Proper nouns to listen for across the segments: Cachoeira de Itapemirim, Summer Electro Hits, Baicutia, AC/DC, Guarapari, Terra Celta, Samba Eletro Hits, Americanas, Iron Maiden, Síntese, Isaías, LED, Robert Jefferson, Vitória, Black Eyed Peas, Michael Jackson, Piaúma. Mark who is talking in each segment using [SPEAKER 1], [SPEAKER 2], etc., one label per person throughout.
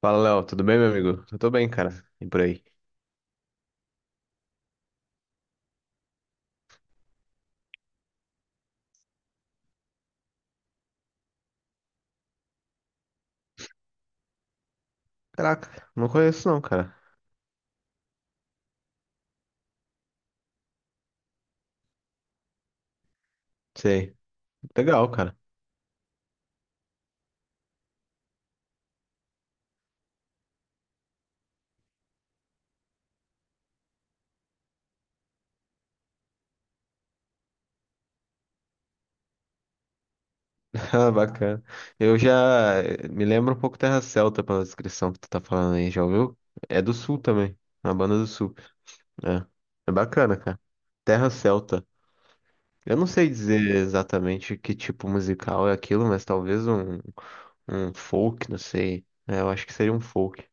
[SPEAKER 1] Fala, Léo, tudo bem, meu amigo? Eu tô bem, cara. E por aí? Caraca, não conheço não, cara. Sei. Legal, cara. Ah, bacana. Eu já me lembro um pouco Terra Celta pela descrição que tu tá falando aí, já ouviu? É do Sul também, uma banda do Sul. É, é bacana, cara. Terra Celta. Eu não sei dizer exatamente que tipo musical é aquilo, mas talvez um folk, não sei. É, eu acho que seria um folk.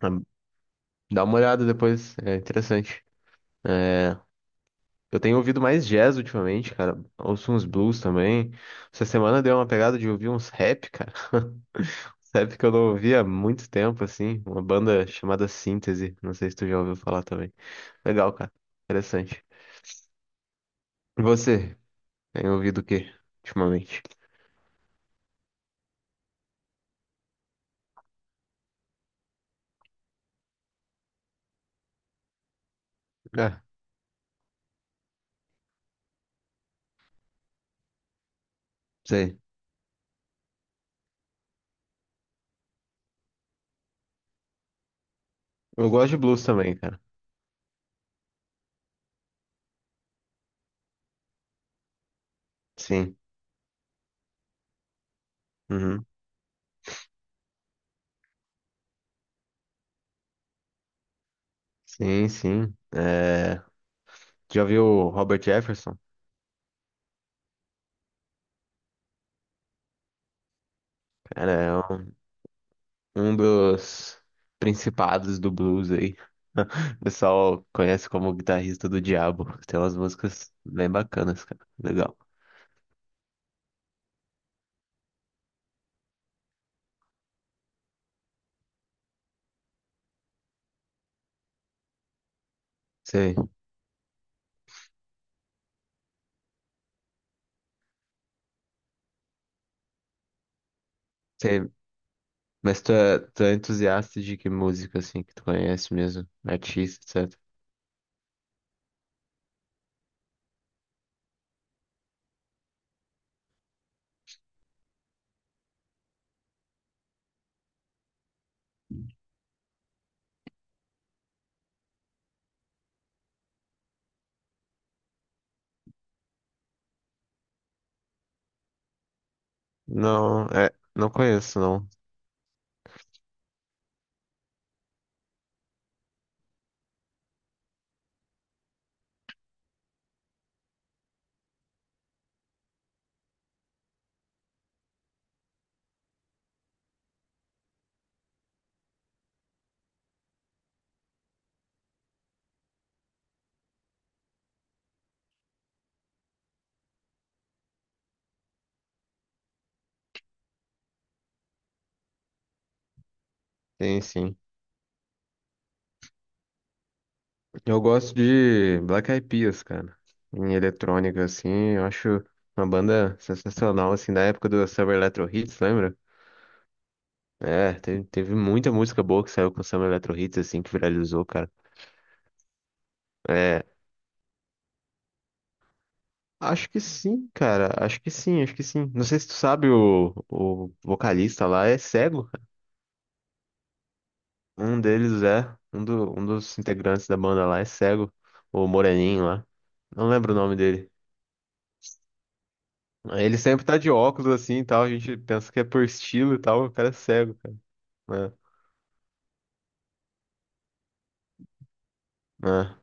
[SPEAKER 1] Ah, dá uma olhada depois, é interessante. É, eu tenho ouvido mais jazz ultimamente, cara. Ouço uns blues também. Essa semana deu uma pegada de ouvir uns rap, cara. Rap que eu não ouvia há muito tempo, assim. Uma banda chamada Síntese. Não sei se tu já ouviu falar também. Legal, cara. Interessante. E você? Tem ouvido o quê ultimamente? Ah, sei. Eu gosto de blues também, cara. Sim. Uhum. Sim, sim. É... Já viu o Robert Jefferson? Cara, é um dos principados do blues aí. O pessoal conhece como o guitarrista do Diabo. Tem umas músicas bem bacanas, cara. Legal. Sei, sei. Mas tu é entusiasta de que música, assim, que tu conhece mesmo? Artista, etc. Não, é, não conheço, não. Tem sim. Eu gosto de Black Eyed Peas, cara. Em eletrônica, assim, eu acho uma banda sensacional, assim, da época do Summer Electro Hits, lembra? É, teve muita música boa que saiu com o Samba Eletro Hits, assim, que viralizou, cara. É, acho que sim, cara. Acho que sim, acho que sim. Não sei se tu sabe, o vocalista lá é cego. Um deles é, um dos integrantes da banda lá é cego. O Moreninho lá. Não lembro o nome dele. Ele sempre tá de óculos, assim, e tal. A gente pensa que é por estilo e tal. O cara é cego, cara. É, é,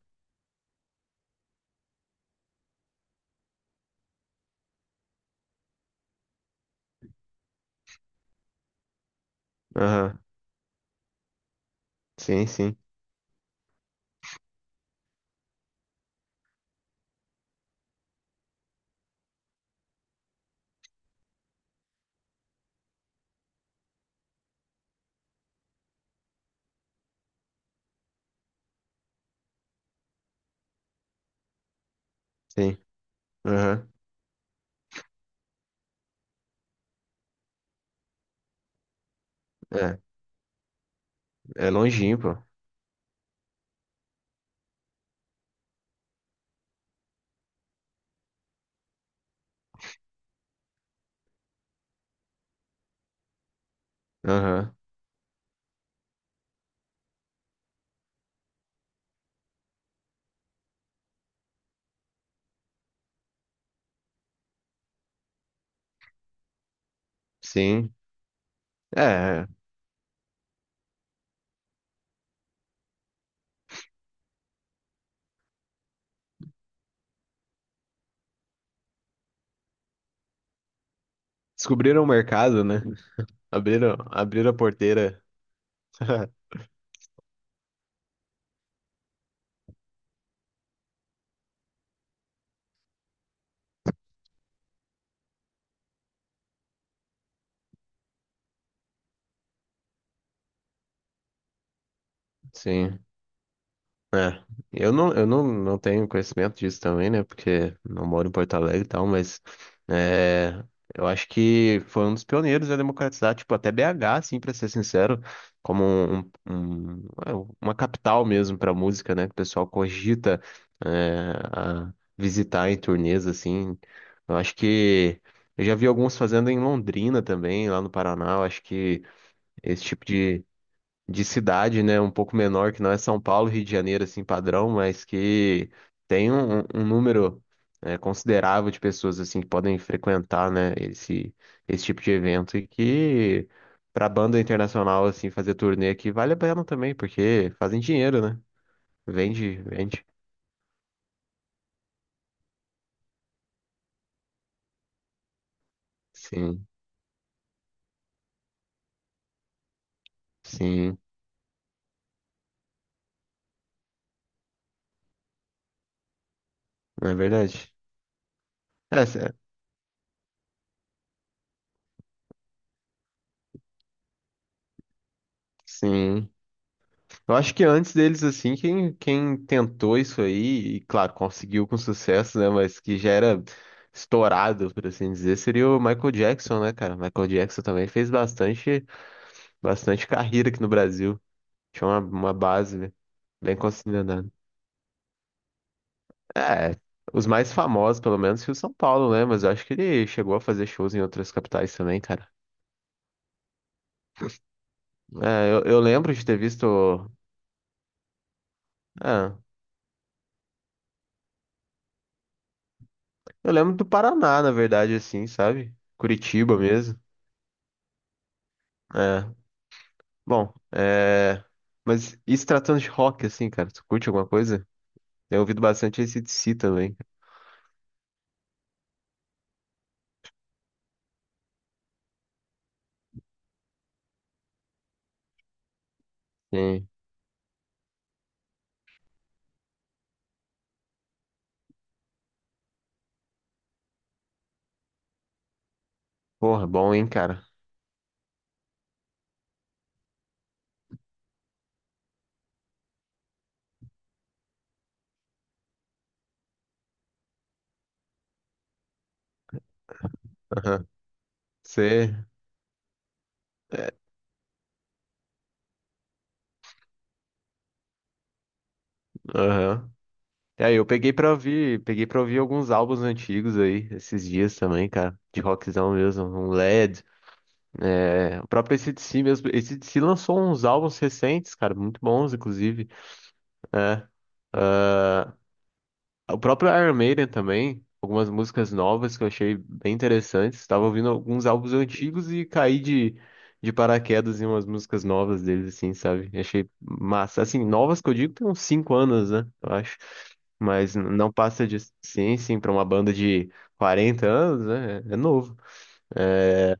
[SPEAKER 1] aham. Sim, sim, sim. Aham. É, é longinho, pô. Aham. Sim. É, descobriram o mercado, né? Abriram, abriram a porteira. Sim. É. Eu não, não tenho conhecimento disso também, né? Porque não moro em Porto Alegre e tal, mas é, eu acho que foi um dos pioneiros a democratizar, tipo, até BH, assim, pra ser sincero, como um, é, uma capital mesmo pra música, né? Que o pessoal cogita é, a visitar em turnês, assim. Eu acho que eu já vi alguns fazendo em Londrina também, lá no Paraná. Eu acho que esse tipo de cidade, né, um pouco menor, que não é São Paulo, Rio de Janeiro, assim, padrão, mas que tem um número considerável de pessoas, assim, que podem frequentar, né, esse tipo de evento e que para banda internacional, assim, fazer turnê aqui vale a pena também, porque fazem dinheiro, né? Vende, vende. Sim, sim, é verdade. É, sim. Eu acho que antes deles, assim, quem tentou isso aí, e claro, conseguiu com sucesso, né? Mas que já era estourado, por assim dizer, seria o Michael Jackson, né, cara? Michael Jackson também fez bastante, bastante carreira aqui no Brasil. Tinha uma base né, bem considerada. É, os mais famosos, pelo menos, Rio e São Paulo, né? Mas eu acho que ele chegou a fazer shows em outras capitais também, cara. É, eu lembro de ter visto. Ah, eu lembro do Paraná, na verdade, assim, sabe? Curitiba mesmo. É. Bom, é... Mas e se tratando de rock, assim, cara? Tu curte alguma coisa? Eu ouvido bastante AC/DC também. Sim. Porra, bom, hein, cara? Aham. Você... é, aham. É, eu peguei pra ouvir alguns álbuns antigos aí, esses dias também, cara. De rockzão mesmo, um Led. É... O próprio AC/DC mesmo. AC/DC lançou uns álbuns recentes, cara, muito bons, inclusive. É. O próprio Iron Maiden também, algumas músicas novas que eu achei bem interessantes. Estava ouvindo alguns álbuns antigos e caí de paraquedas em umas músicas novas deles, assim, sabe? Achei massa. Assim, novas que eu digo tem uns 5 anos, né? Eu acho. Mas não passa de sim, sim, para uma banda de 40 anos, né? É novo. É,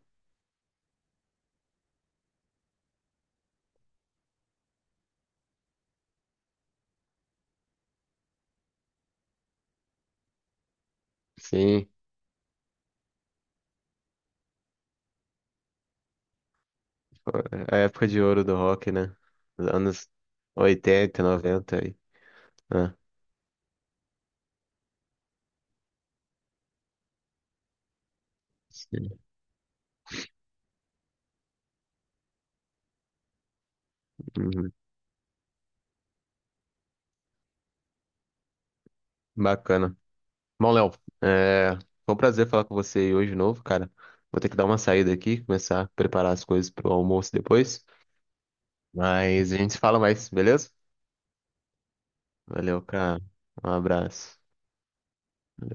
[SPEAKER 1] sim, é a época de ouro do rock, né? Os anos 80 90 aí. Ah. Sim. Uhum. Bacana. Bom, Léo, é... foi um prazer falar com você aí hoje de novo, cara. Vou ter que dar uma saída aqui, começar a preparar as coisas pro almoço depois. Mas a gente se fala mais, beleza? Valeu, cara. Um abraço.